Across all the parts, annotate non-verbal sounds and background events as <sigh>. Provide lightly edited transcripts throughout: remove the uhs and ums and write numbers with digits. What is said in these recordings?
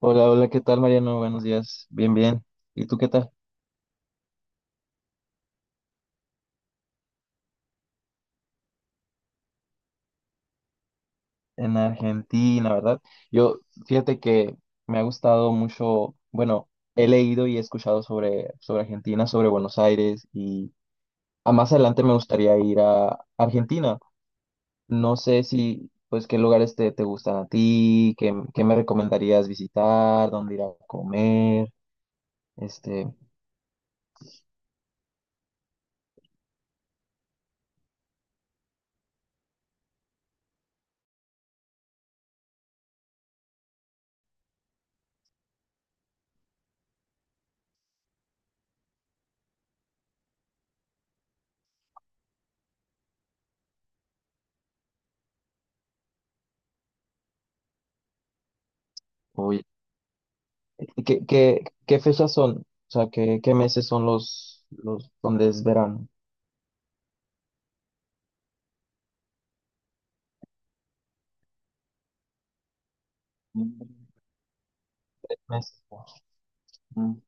Hola, hola, ¿qué tal, Mariano? Buenos días. Bien, bien. ¿Y tú qué tal? En Argentina, ¿verdad? Yo, fíjate que me ha gustado mucho, bueno, he leído y he escuchado sobre Argentina, sobre Buenos Aires y a más adelante me gustaría ir a Argentina. No sé si, pues, qué lugares te gustan a ti, qué me recomendarías visitar, dónde ir a comer, este, oye, ¿qué fechas son? O sea, ¿qué meses son los donde es verano? Nombre, mes. Mm,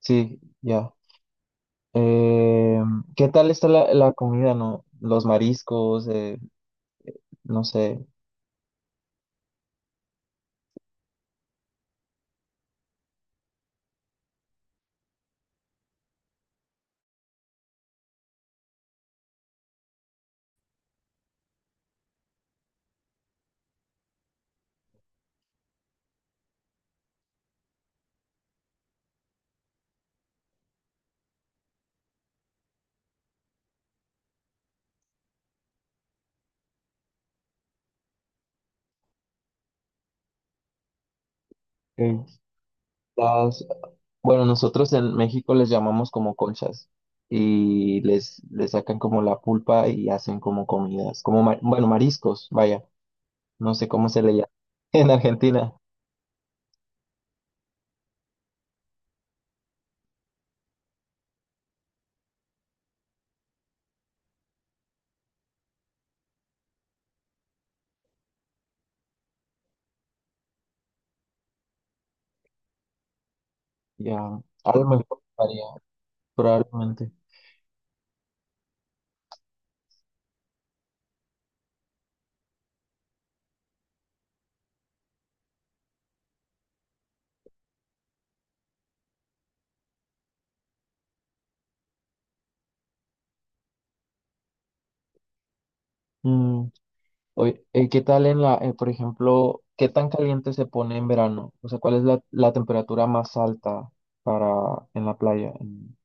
sí, ya. Eh, ¿Qué tal está la comida, no? Los mariscos, no sé. eh, las- bueno, nosotros en México les llamamos como conchas y les sacan como la pulpa y hacen como comidas, como, bueno, mariscos, vaya. No sé cómo se le llama <laughs> en Argentina. Ya, a lo mejor varía, probablemente. Mm, oye, ¿qué tal en por ejemplo, qué tan caliente se pone en verano? O sea, ¿cuál es la temperatura más alta para en la playa? ¿En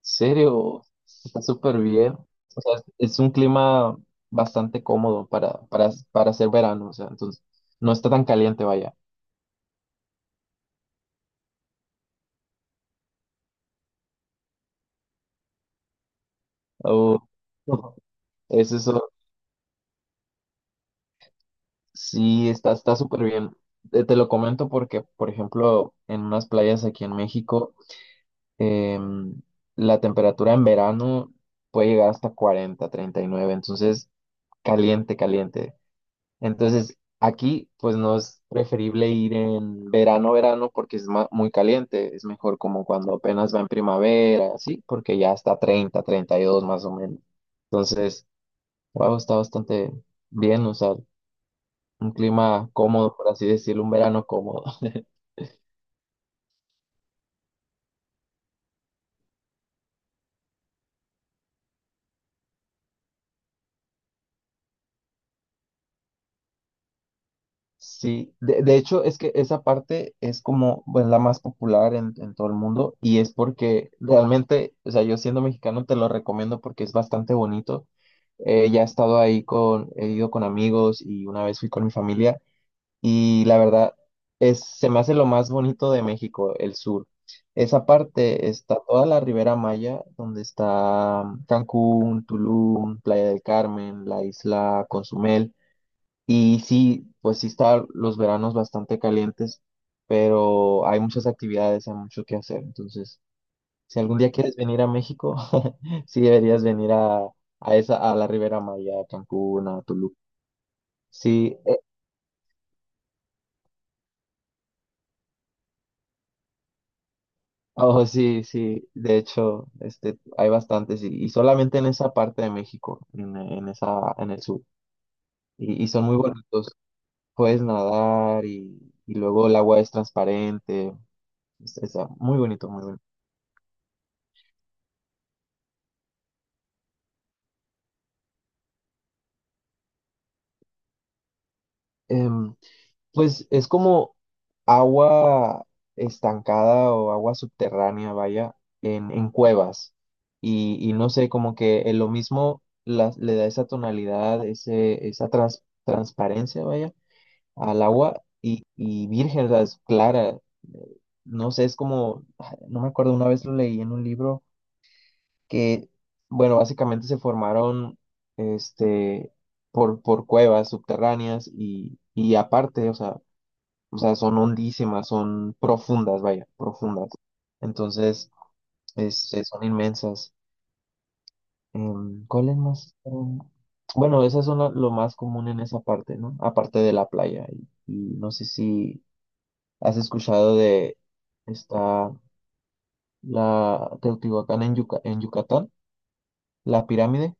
serio? Está súper bien. O sea, es un clima bastante cómodo para hacer verano. O sea, entonces no está tan caliente, vaya. Oh, no, es eso. Sí, está súper bien. Te lo comento porque, por ejemplo, en unas playas aquí en México em, la temperatura en verano puede llegar hasta 40, 39, entonces caliente, caliente. Entonces aquí pues no es preferible ir en verano, verano porque es muy caliente, es mejor como cuando apenas va en primavera, así, porque ya está 30, 32 más o menos. Entonces, wow, está bastante bien, o sea, un clima cómodo, por así decirlo, un verano cómodo. <laughs> Sí, de hecho es que esa parte es como pues, la más popular en todo el mundo y es porque realmente, o sea, yo siendo mexicano te lo recomiendo porque es bastante bonito. Ya he estado he ido con amigos y una vez fui con mi familia y la verdad es, se me hace lo más bonito de México, el sur. Esa parte está toda la Ribera Maya, donde está Cancún, Tulum, Playa del Carmen, la isla Consumel. Y sí, pues sí están los veranos bastante calientes, pero hay muchas actividades, hay mucho que hacer. Entonces, si algún día quieres venir a México, <laughs> sí deberías venir a esa, a la Ribera Maya, a Cancún, a Tulum. Sí, oh, sí, sí. De hecho, este, hay bastantes y solamente en esa parte de México, en esa, en el sur. Y son muy bonitos. Puedes nadar y luego el agua es transparente. Es, muy bonito, muy bonito. Em, Pues es como agua estancada o agua subterránea, vaya, en cuevas. Y no sé, como que en lo mismo le da esa tonalidad, esa transparencia, vaya, al agua y virgen, o sea, es clara. Eh, No sé, es como, no me acuerdo, una vez lo leí en un libro que, bueno, básicamente se formaron, este, por cuevas subterráneas y aparte, o sea, son hondísimas, son profundas, vaya, profundas. Entonces, son inmensas. ¿Cuál es más? Bueno, esas son lo más común en esa parte, ¿no? Aparte de la playa. Y no sé si has escuchado de esta, la Teotihuacán en Yucatán, la pirámide.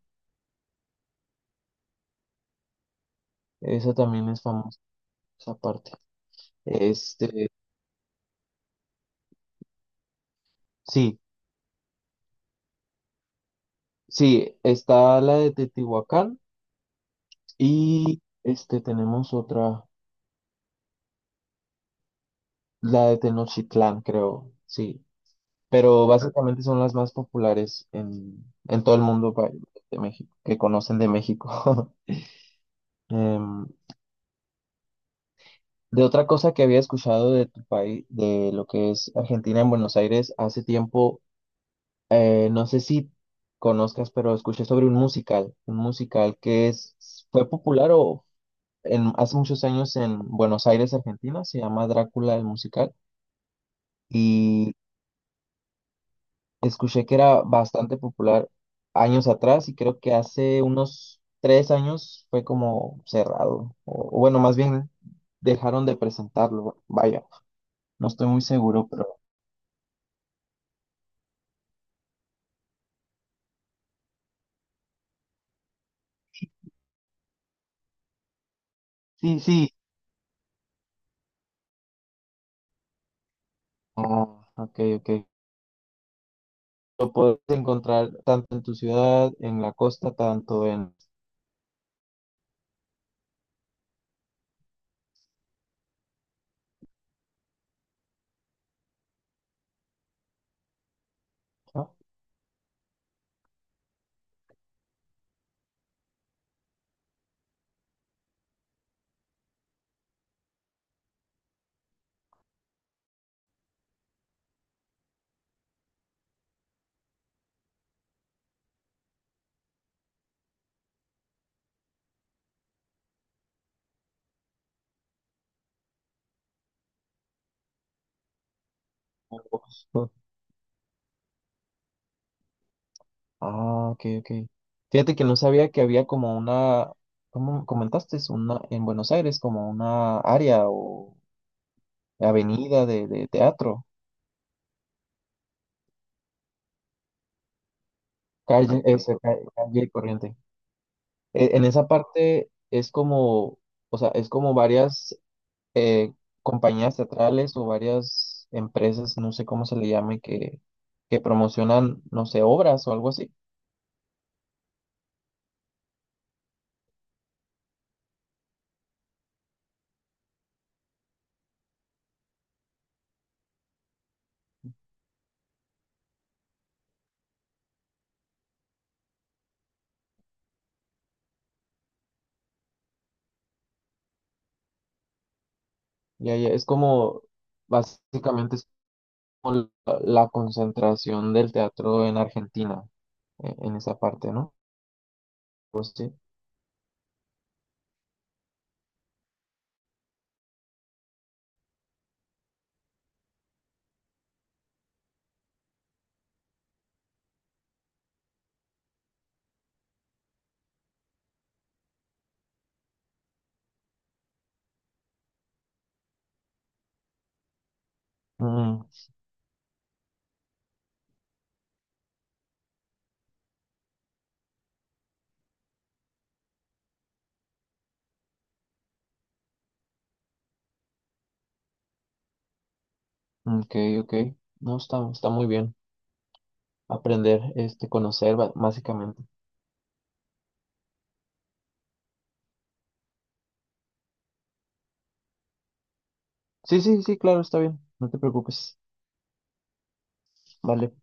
Esa también es famosa, esa parte. Este, sí, sí, está la de Teotihuacán y tenemos otra. La de Tenochtitlán, creo, sí. Pero ah, básicamente son las más populares en todo el mundo de México, que conocen de México. <laughs> Em, de otra cosa que había escuchado de tu país, de lo que es Argentina en Buenos Aires, hace tiempo, no sé si conozcas, pero escuché sobre un musical que es, fue popular hace muchos años en Buenos Aires, Argentina, se llama Drácula el musical. Y escuché que era bastante popular años atrás y creo que hace unos 3 años fue como cerrado. O bueno, más bien dejaron de presentarlo. Vaya, no estoy muy seguro, pero sí, sí. Ah, ok, ok. Lo puedes encontrar tanto en tu ciudad, en la costa, tanto en... Ah, en el bosque. Ah, ok, ok. Fíjate que no sabía que había como ¿cómo comentaste? Es una, en Buenos Aires, como una área o avenida de teatro. Calle, eso, calle, corriente. En esa parte es como, o sea, es como varias eh, compañías teatrales o varias empresas, no sé cómo se le llame, que promocionan, no sé, obras o algo así. Ya, ya, es como, básicamente es la concentración del teatro en Argentina, en esa parte, ¿no? Pues sí. Mm, ok, ok. No, está, está muy bien aprender, conocer básicamente. Sí, sí, sí, claro, está bien. No te preocupes. Vale.